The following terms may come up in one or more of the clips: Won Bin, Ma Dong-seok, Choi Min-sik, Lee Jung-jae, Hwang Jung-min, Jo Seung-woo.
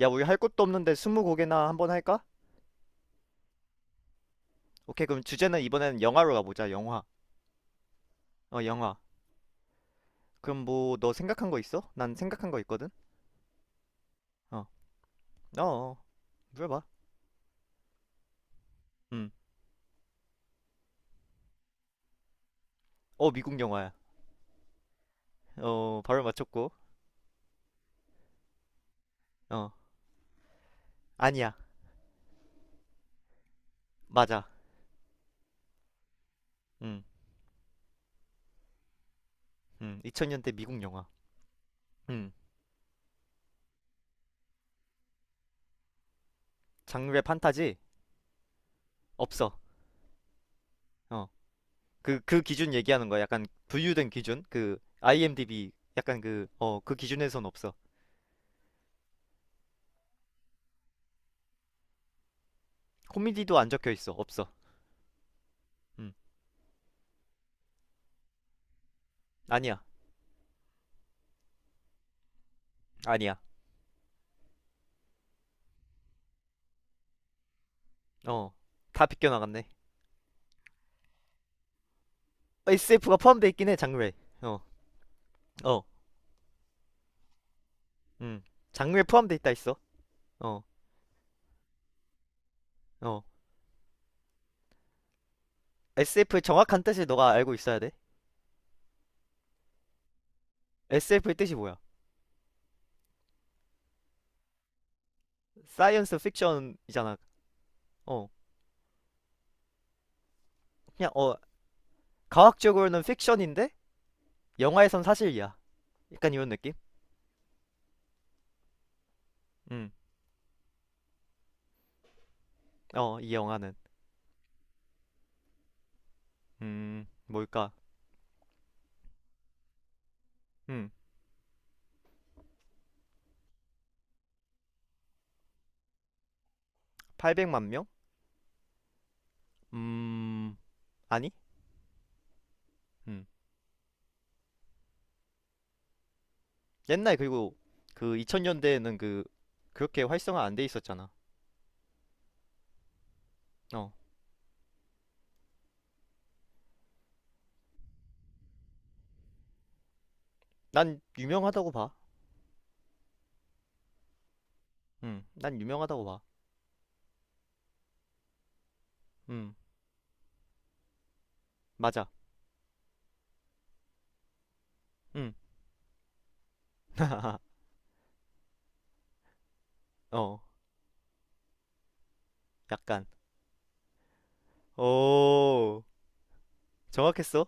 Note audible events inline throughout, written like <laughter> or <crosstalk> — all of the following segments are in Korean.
야, 우리 할 것도 없는데 스무고개나 한번 할까? 오케이, 그럼 주제는 이번에는 영화로 가보자, 영화. 어, 영화. 그럼 뭐, 너 생각한 거 있어? 난 생각한 거 있거든? 어, 어, 어, 물어봐. 음. 어, 미국 영화야. 어, 바로 맞췄고. 어, 아니야. 맞아. 음, 2000년대 미국 영화. 음, 장르의 판타지? 없어. 어, 그 기준 얘기하는 거야. 약간 분류된 기준? 그, IMDb, 약간 그 기준에선 없어. 코미디도 안 적혀 있어. 없어. 음, 아니야. 아니야. 어, 다 비껴나갔네. SF가 포함돼 있긴 해, 장르에. 어, 어, 음. 장르에 포함돼 있다 했어. 어, 어. SF의 정확한 뜻을 너가 알고 있어야 돼. SF의 뜻이 뭐야? 사이언스 픽션이잖아. 어, 그냥, 과학적으로는 픽션인데, 영화에선 사실이야. 약간 이런 느낌? 음, 어, 이 영화는. 뭘까? 음, 800만 명? 음, 아니? 음. 옛날 그리고 그 2000년대에는 그, 그렇게 활성화 안 돼 있었잖아. 어. 난 유명하다고 봐. 난 유명하다고 봐. 음, 맞아. 음, <laughs> 어, 약간. 오, 정확했어.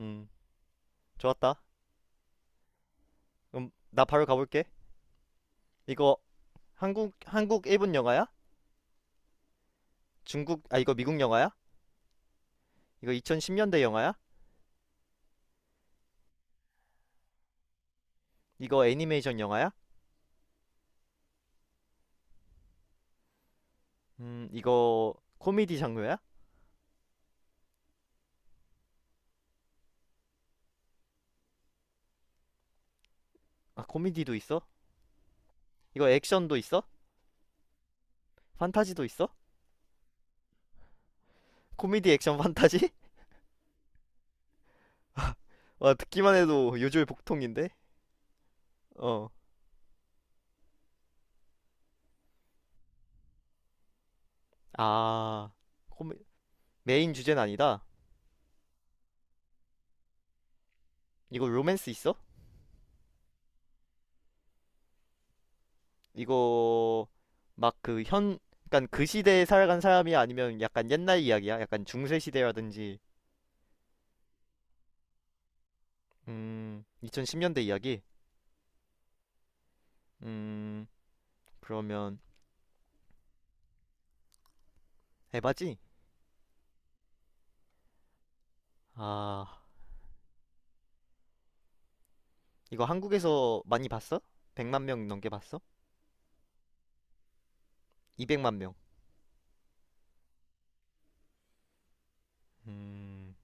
음, 좋았다. 그럼 나 바로 가볼게. 이거 한국 일본 영화야? 중국, 아, 이거 미국 영화야? 이거 2010년대 영화야? 이거 애니메이션 영화야? 이거 코미디 장르야? 아, 코미디도 있어? 이거 액션도 있어? 판타지도 있어? 코미디, 액션, 판타지? <laughs> 와, 듣기만 해도 요즘 복통인데? 어, 아. 메인 주제는 아니다. 이거 로맨스 있어? 이거 막 그 현, 그간그 시대에 살아간 사람이 야 아니면 약간 옛날 이야기야? 약간 중세 시대라든지. 음, 2010년대 이야기? 음, 그러면 에바지? 아, 이거 한국에서 많이 봤어? 100만 명 넘게 봤어? 200만 명? 음,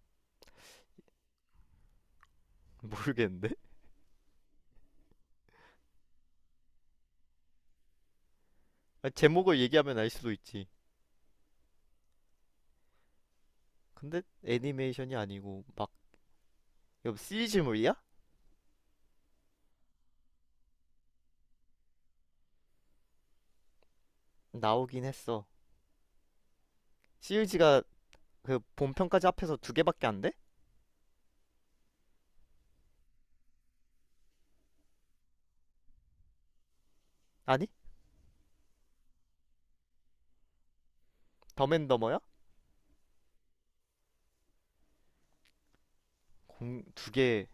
모르겠는데? <laughs> 아, 제목을 얘기하면 알 수도 있지. 근데 애니메이션이 아니고 막, 이거 시리즈물이야? 나오긴 했어. 시리즈가 그 본편까지 합해서 두 개밖에 안 돼? 아니? 덤앤더머야? 공, 두 개.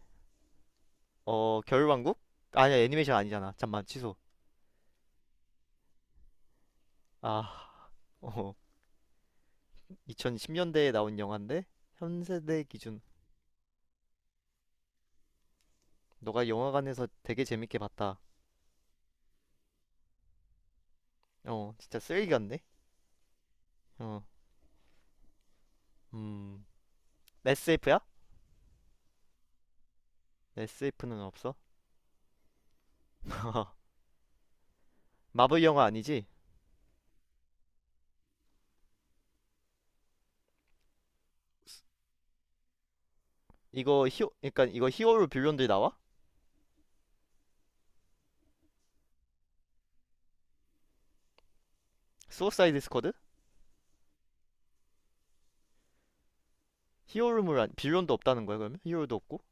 어, 겨울왕국? 아니야, 애니메이션 아니잖아. 잠만, 취소. 아, 어, 2010년대에 나온 영화인데, 현세대 기준. 너가 영화관에서 되게 재밌게 봤다. 어, 진짜 쓰레기 같네. 어, 음, SF야? SF는 없어. <laughs> 마블 영화 아니지? 이거 히오 그러니까 이거 히어로 빌런들이 나와? 수어사이드 스쿼드? 히어로물 아니, 빌런도 없다는 거야, 그러면? 히어로도 없고?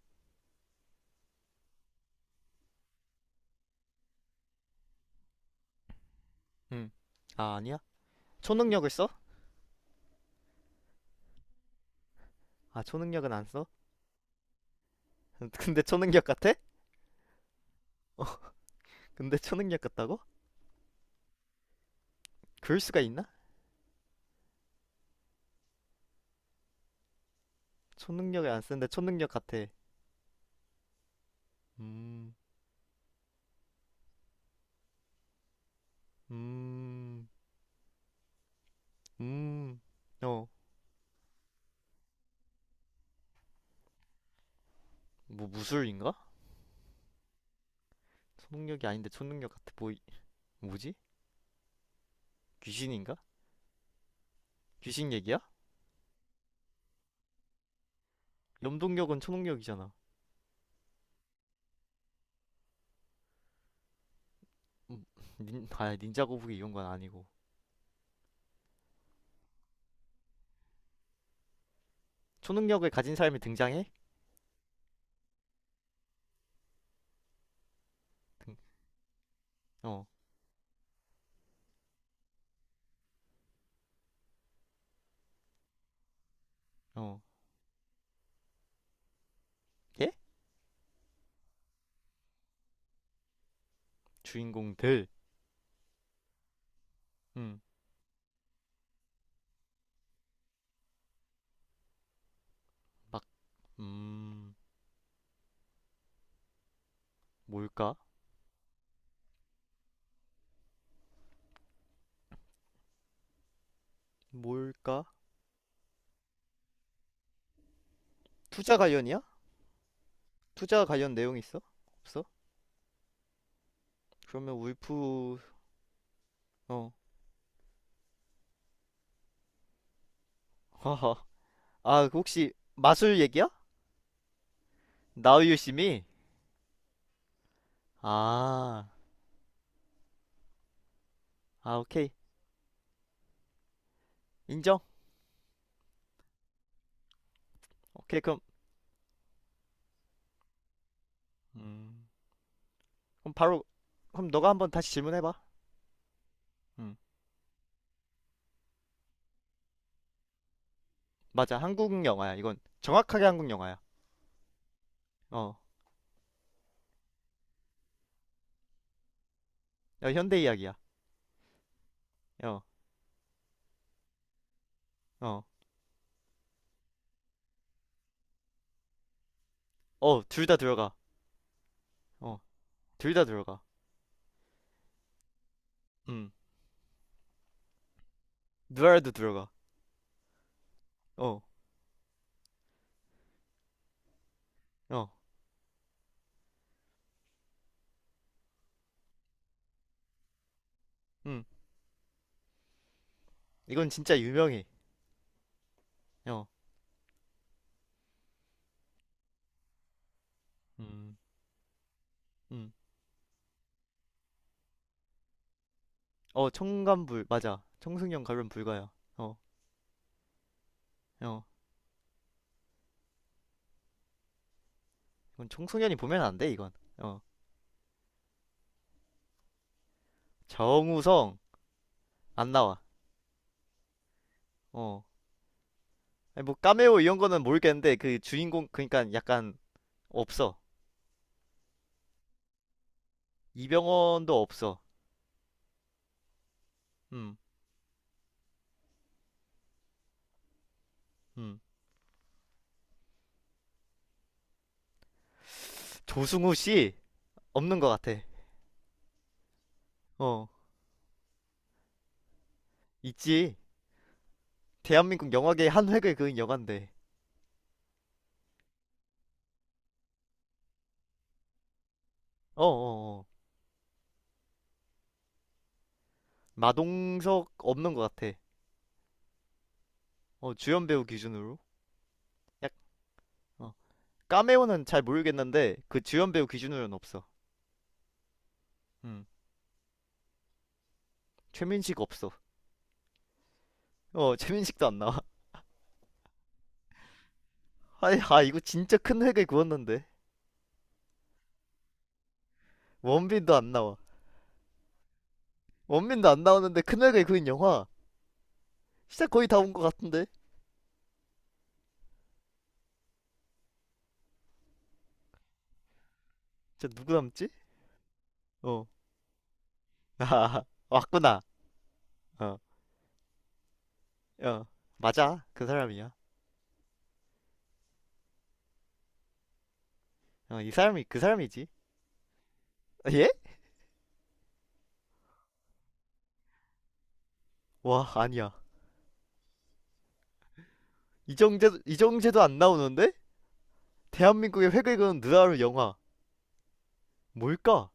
음, 아, 아니야? 초능력을 써? 아, 초능력은 안 써? <laughs> 근데 초능력 같아? 어, 근데 초능력 같다고? 그럴 수가 있나? 초능력을 안 쓰는데 초능력 같아. 음, 음, 음. 어, 뭐 무술인가? 초능력이 아닌데 초능력 같아. 뭐, 이- 뭐지? 귀신인가? 귀신 얘기야? 염동력은 초능력이잖아. 음, 닌자 거북이 이런 건 아니고. 초능력을 가진 사람이 등장해? 어, 어. 예? 주인공들. 음, 막, 음, 뭘까? 뭘까? 투자 관련이야? 투자 관련 내용 있어? 없어? 그러면 울프. 어. <laughs> 하하. 아, 그 혹시 마술 얘기야? 나우유 심이. 아. 아, 오케이. 인정. 오케이. 그럼, 음. 그럼 바로 그럼 너가 한번 다시 질문해 봐. 음. 맞아. 한국 영화야. 이건 정확하게 한국 영화야. 어. 야, 현대 이야기야. 어. 어. 어, 둘 다 들어가. 어. 둘 다 들어가. 음. 누아르도 들어가. 어. 어. 음. 이건 진짜 유명해. 어. 음. 음. 어, 청간불, 맞아. 청소년 가면 불가야. 어, 어. 이건 청소년이 보면 안 돼, 이건. 어. 정우성, 안 나와. 어. 아니, 뭐, 까메오 이런 거는 모르겠는데, 그 주인공, 그니까 약간, 없어. 이병헌도 없어. 음, 음. 조승우 씨, 없는 것 같아. 어, 있지. 대한민국 영화계의 한 획을 그은 영화인데. 어, 어, 어. 마동석 없는 것 같아. 어, 주연 배우 기준으로. 약, 어. 까메오는 잘 모르겠는데, 그 주연 배우 기준으로는 없어. 음. 최민식 없어. 어, 최민식도 안 나와. <laughs> 아니, 아, 이거 진짜 큰 획을 그었는데. 원빈도 안 나와. 원빈도 안 나오는데 큰 획을 그은 영화. 진짜 거의 다 온 것 같은데. 진짜 누구 남지? 어. <laughs> 아, 왔구나. 어, 어. 맞아. 그 사람이야. 어, 이 사람이, 그 사람이지. 아, 예? 와, 아니야. 이정재도 안 나오는데? 대한민국의 획을 그은 느와르 영화. 뭘까?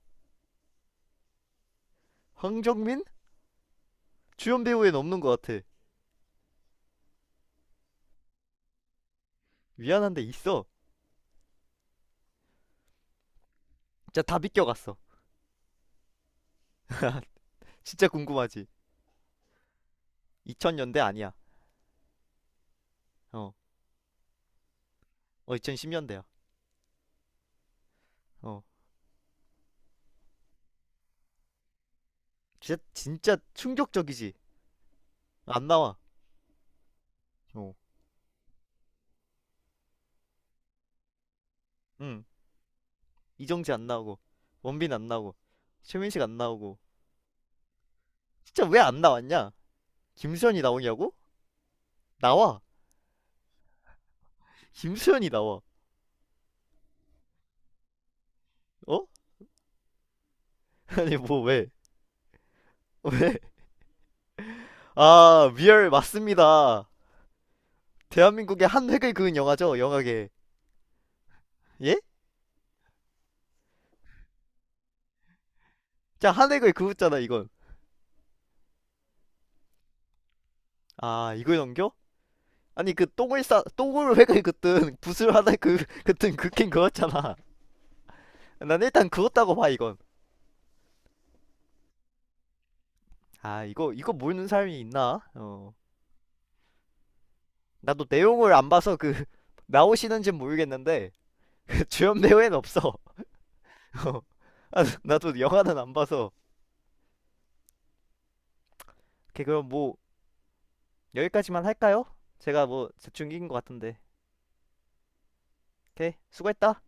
황정민? 주연 배우엔 없는 것 같아. 미안한데 있어. 진짜 다 비껴갔어. 진짜 궁금하지? 2000년대 아니야. 어, 어, 2010년대야. 어, 진짜 진짜 충격적이지. 안 나와. 어, 응. 이정재 안 나오고, 원빈 안 나오고, 최민식 안 나오고. 진짜 왜 안 나왔냐? 김수현이 나오냐고? 나와. 김수현이 나와. 어? <laughs> 아니 뭐 왜? 왜? 아, 리얼 맞습니다. 대한민국의 한 획을 그은 영화죠, 영화계. 예? 자, 한 획을 그었잖아, 이건. 아, 이걸 넘겨? 아니, 그 똥을 싸 똥을 획을 그든 붓을 하나 그 그든 긋긴 그었잖아. 난 일단 그었다고 봐, 이건. 아, 이거 모르는 사람이 있나? 어. 나도 내용을 안 봐서 그 <laughs> 나오시는지 모르겠는데 그 주연 배우엔 없어. <laughs> 어. 아, 나도 영화는 안 봐서. 오케이, 그럼 뭐 여기까지만 할까요? 제가 뭐 대충 인것 같은데. 오케이, 수고했다.